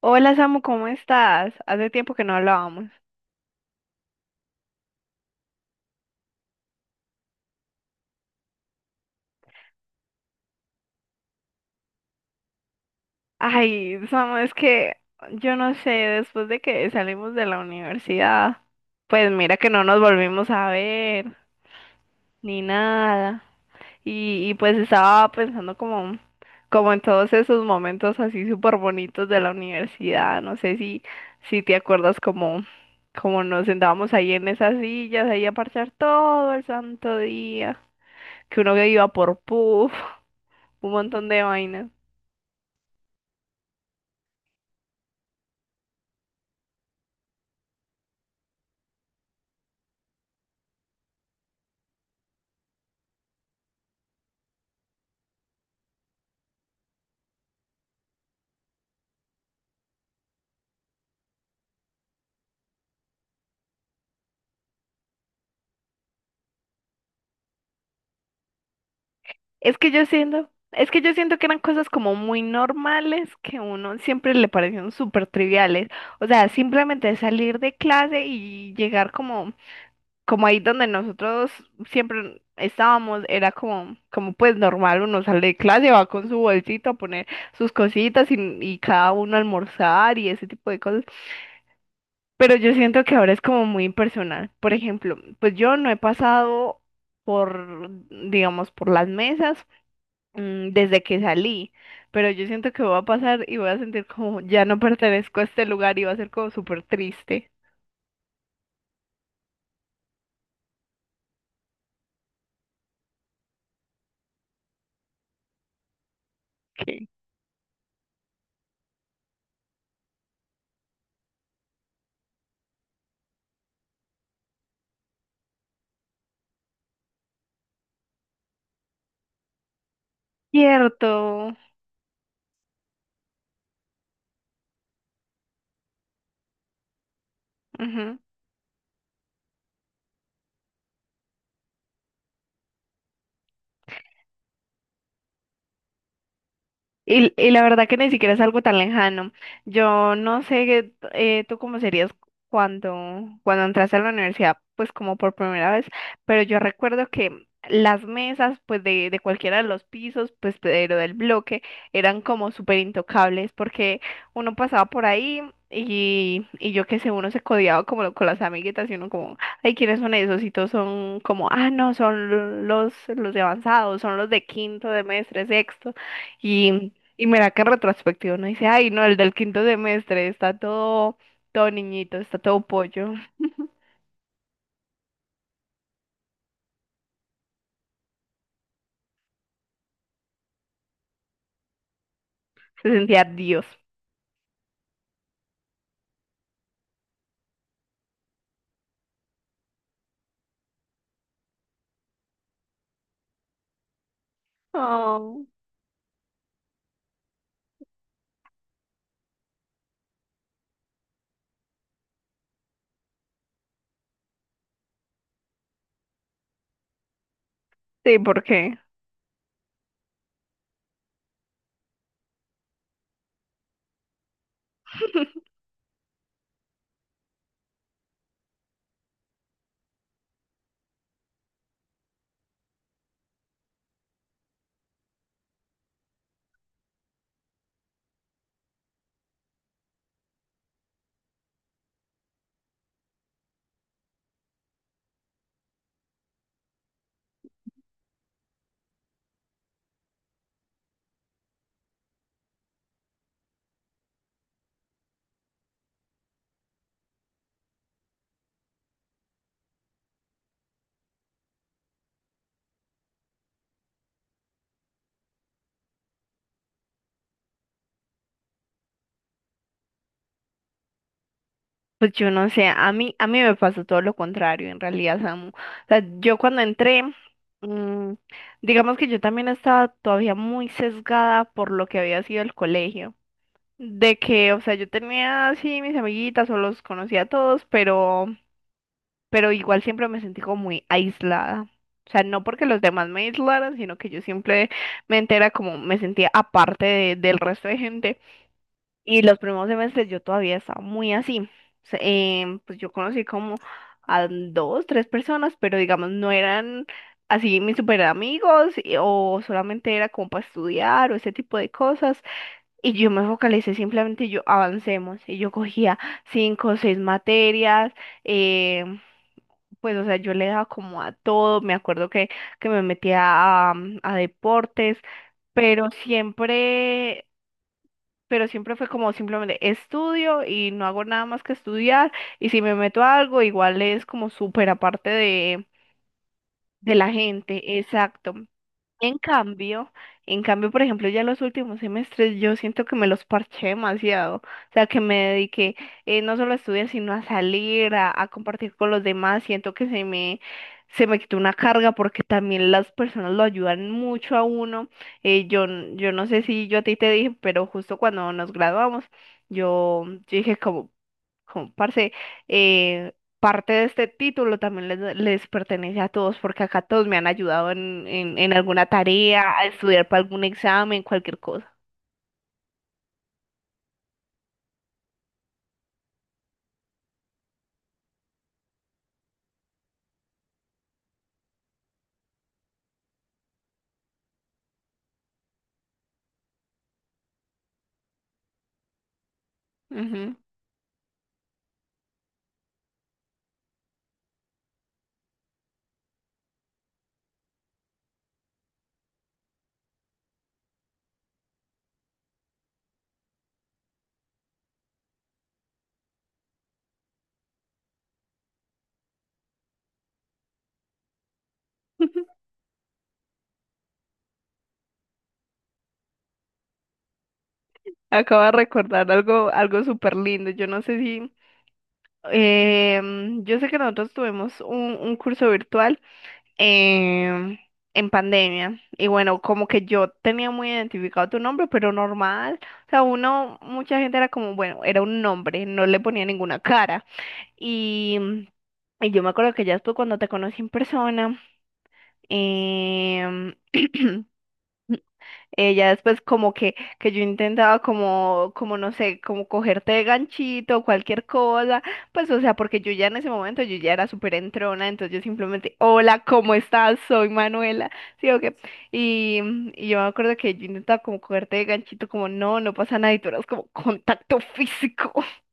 Hola Samu, ¿cómo estás? Hace tiempo que no hablábamos. Ay, Samu, es que yo no sé, después de que salimos de la universidad, pues mira que no nos volvimos a ver ni nada. Y pues estaba pensando como, como en todos esos momentos así súper bonitos de la universidad. No sé si, si te acuerdas como, como nos sentábamos ahí en esas sillas, ahí a parchar todo el santo día, que uno que iba por puff, un montón de vainas. Es que yo siento, es que yo siento que eran cosas como muy normales que a uno siempre le parecieron súper triviales. O sea, simplemente salir de clase y llegar como, como ahí donde nosotros siempre estábamos, era como, como pues normal, uno sale de clase, va con su bolsito a poner sus cositas y cada uno a almorzar y ese tipo de cosas. Pero yo siento que ahora es como muy impersonal. Por ejemplo, pues yo no he pasado por, digamos, por las mesas, desde que salí, pero yo siento que voy a pasar y voy a sentir como ya no pertenezco a este lugar y va a ser como súper triste. Ok. Cierto. Ujú. Y la verdad que ni siquiera es algo tan lejano. Yo no sé, tú cómo serías cuando, cuando entraste a la universidad, pues como por primera vez, pero yo recuerdo que las mesas, pues de cualquiera de los pisos, pues pero del bloque, eran como súper intocables porque uno pasaba por ahí y yo qué sé, uno se codeaba como con las amiguitas y uno como, ay, ¿quiénes son esos? Y todos son como, ah, no, son los de avanzados, son los de quinto, de mes, sexto. Y, y mira que en retrospectiva uno dice, ay, no, el del quinto semestre está todo, todo niñito, está todo pollo. Se sentía Dios. Oh. Sí, ¿por qué? Pues yo no sé, a mí me pasó todo lo contrario, en realidad, Samu. O sea, yo cuando entré, mm, digamos que yo también estaba todavía muy sesgada por lo que había sido el colegio. De que, o sea, yo tenía así mis amiguitas o los conocía a todos, pero igual siempre me sentí como muy aislada. O sea, no porque los demás me aislaran, sino que yo siempre me entera como me sentía aparte del resto de gente. Y los primeros semestres yo todavía estaba muy así. Se- pues yo conocí como a dos, tres personas, pero digamos no eran así mis super amigos o solamente era como para estudiar o ese tipo de cosas. Y yo me focalicé simplemente yo avancemos. Y yo cogía cinco o seis materias, em, pues, o sea, yo le daba como a todo, me acuerdo que me metía a, a deportes, pero siempre, pero siempre fue como simplemente estudio y no hago nada más que estudiar, y si me meto a algo, igual es como súper aparte de la gente, exacto. En cambio, en cambio, por ejemplo, ya los últimos semestres yo siento que me los parché demasiado, o sea, que me dediqué, no solo a estudiar, sino a salir, a compartir con los demás, siento que se me quitó una carga porque también las personas lo ayudan mucho a uno, yo, yo no sé si yo a ti te dije, pero justo cuando nos graduamos, yo dije como, como, parce, eh, parte de este título también les pertenece a todos, porque acá todos me han ayudado en alguna tarea, a estudiar para algún examen, cualquier cosa. Ujú. Acabo de recordar algo, algo súper lindo. Yo no sé si... yo sé que nosotros tuvimos un curso virtual, em, en pandemia y bueno, como que yo tenía muy identificado tu nombre, pero normal. O sea, uno, mucha gente era como, bueno, era un nombre, no le ponía ninguna cara. Y, y yo me acuerdo que ya después cuando te conocí en persona, em, ya después como que yo intentaba como, como no sé, como cogerte de ganchito, cualquier cosa, pues o sea, porque yo ya en ese momento yo ya era súper entrona, entonces yo simplemente, hola, ¿cómo estás? Soy Manuela, ¿sí o qué? Y, y yo me acuerdo que yo intentaba como cogerte de ganchito, como no, no pasa nada, y tú eras como contacto físico.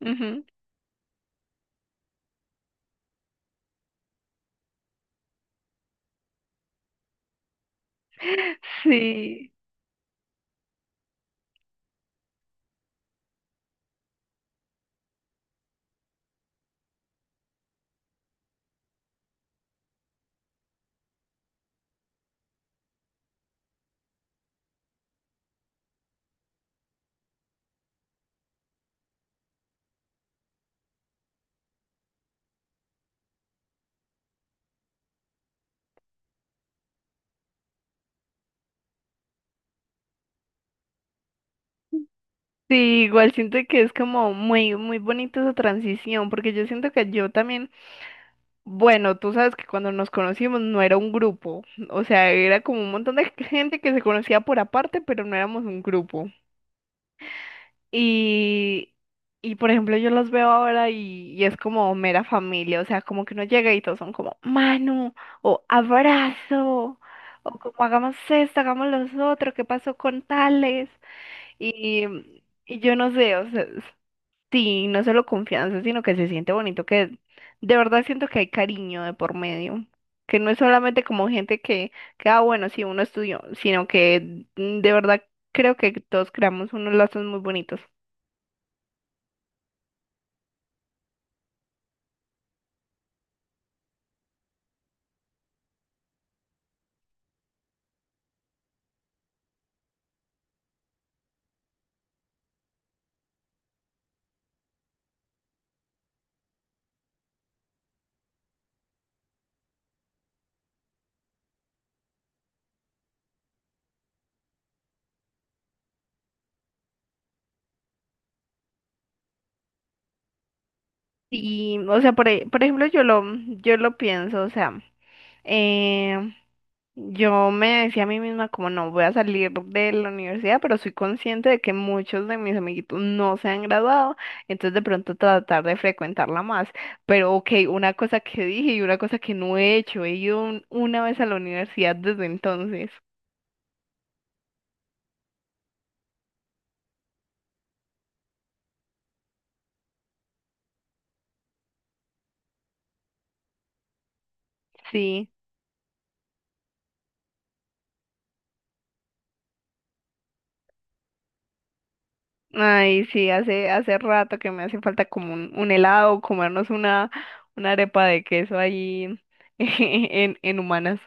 Ujú. Sí. Sí, igual siento que es como muy, muy bonita esa transición, porque yo siento que yo también, bueno, tú sabes que cuando nos conocimos no era un grupo, o sea, era como un montón de gente que se conocía por aparte, pero no éramos un grupo. Y, y por ejemplo, yo los veo ahora y es como mera familia, o sea, como que uno llega y todos son como mano, o abrazo, o como hagamos esto, hagamos los otros, ¿qué pasó con tales? Y, y yo no sé, o sea, sí, no solo confianza, sino que se siente bonito, que de verdad siento que hay cariño de por medio, que no es solamente como gente que ah, bueno, sí, uno estudió, sino que, de verdad creo que todos creamos unos lazos muy bonitos. Y, o sea, por, por ejemplo, yo lo pienso, o sea, eh, yo me decía a mí misma como no voy a salir de la universidad, pero soy consciente de que muchos de mis amiguitos no se han graduado, entonces de pronto tratar de frecuentarla más. Pero ok, una cosa que dije y una cosa que no he hecho, he ido una vez a la universidad desde entonces. Sí, ay, sí, hace, hace rato que me hace falta como un helado, comernos una arepa de queso ahí en Humanas.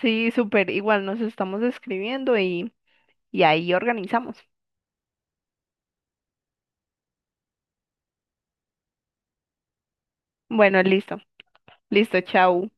Sí, súper, igual nos estamos escribiendo y ahí organizamos. Bueno, listo, listo, chau.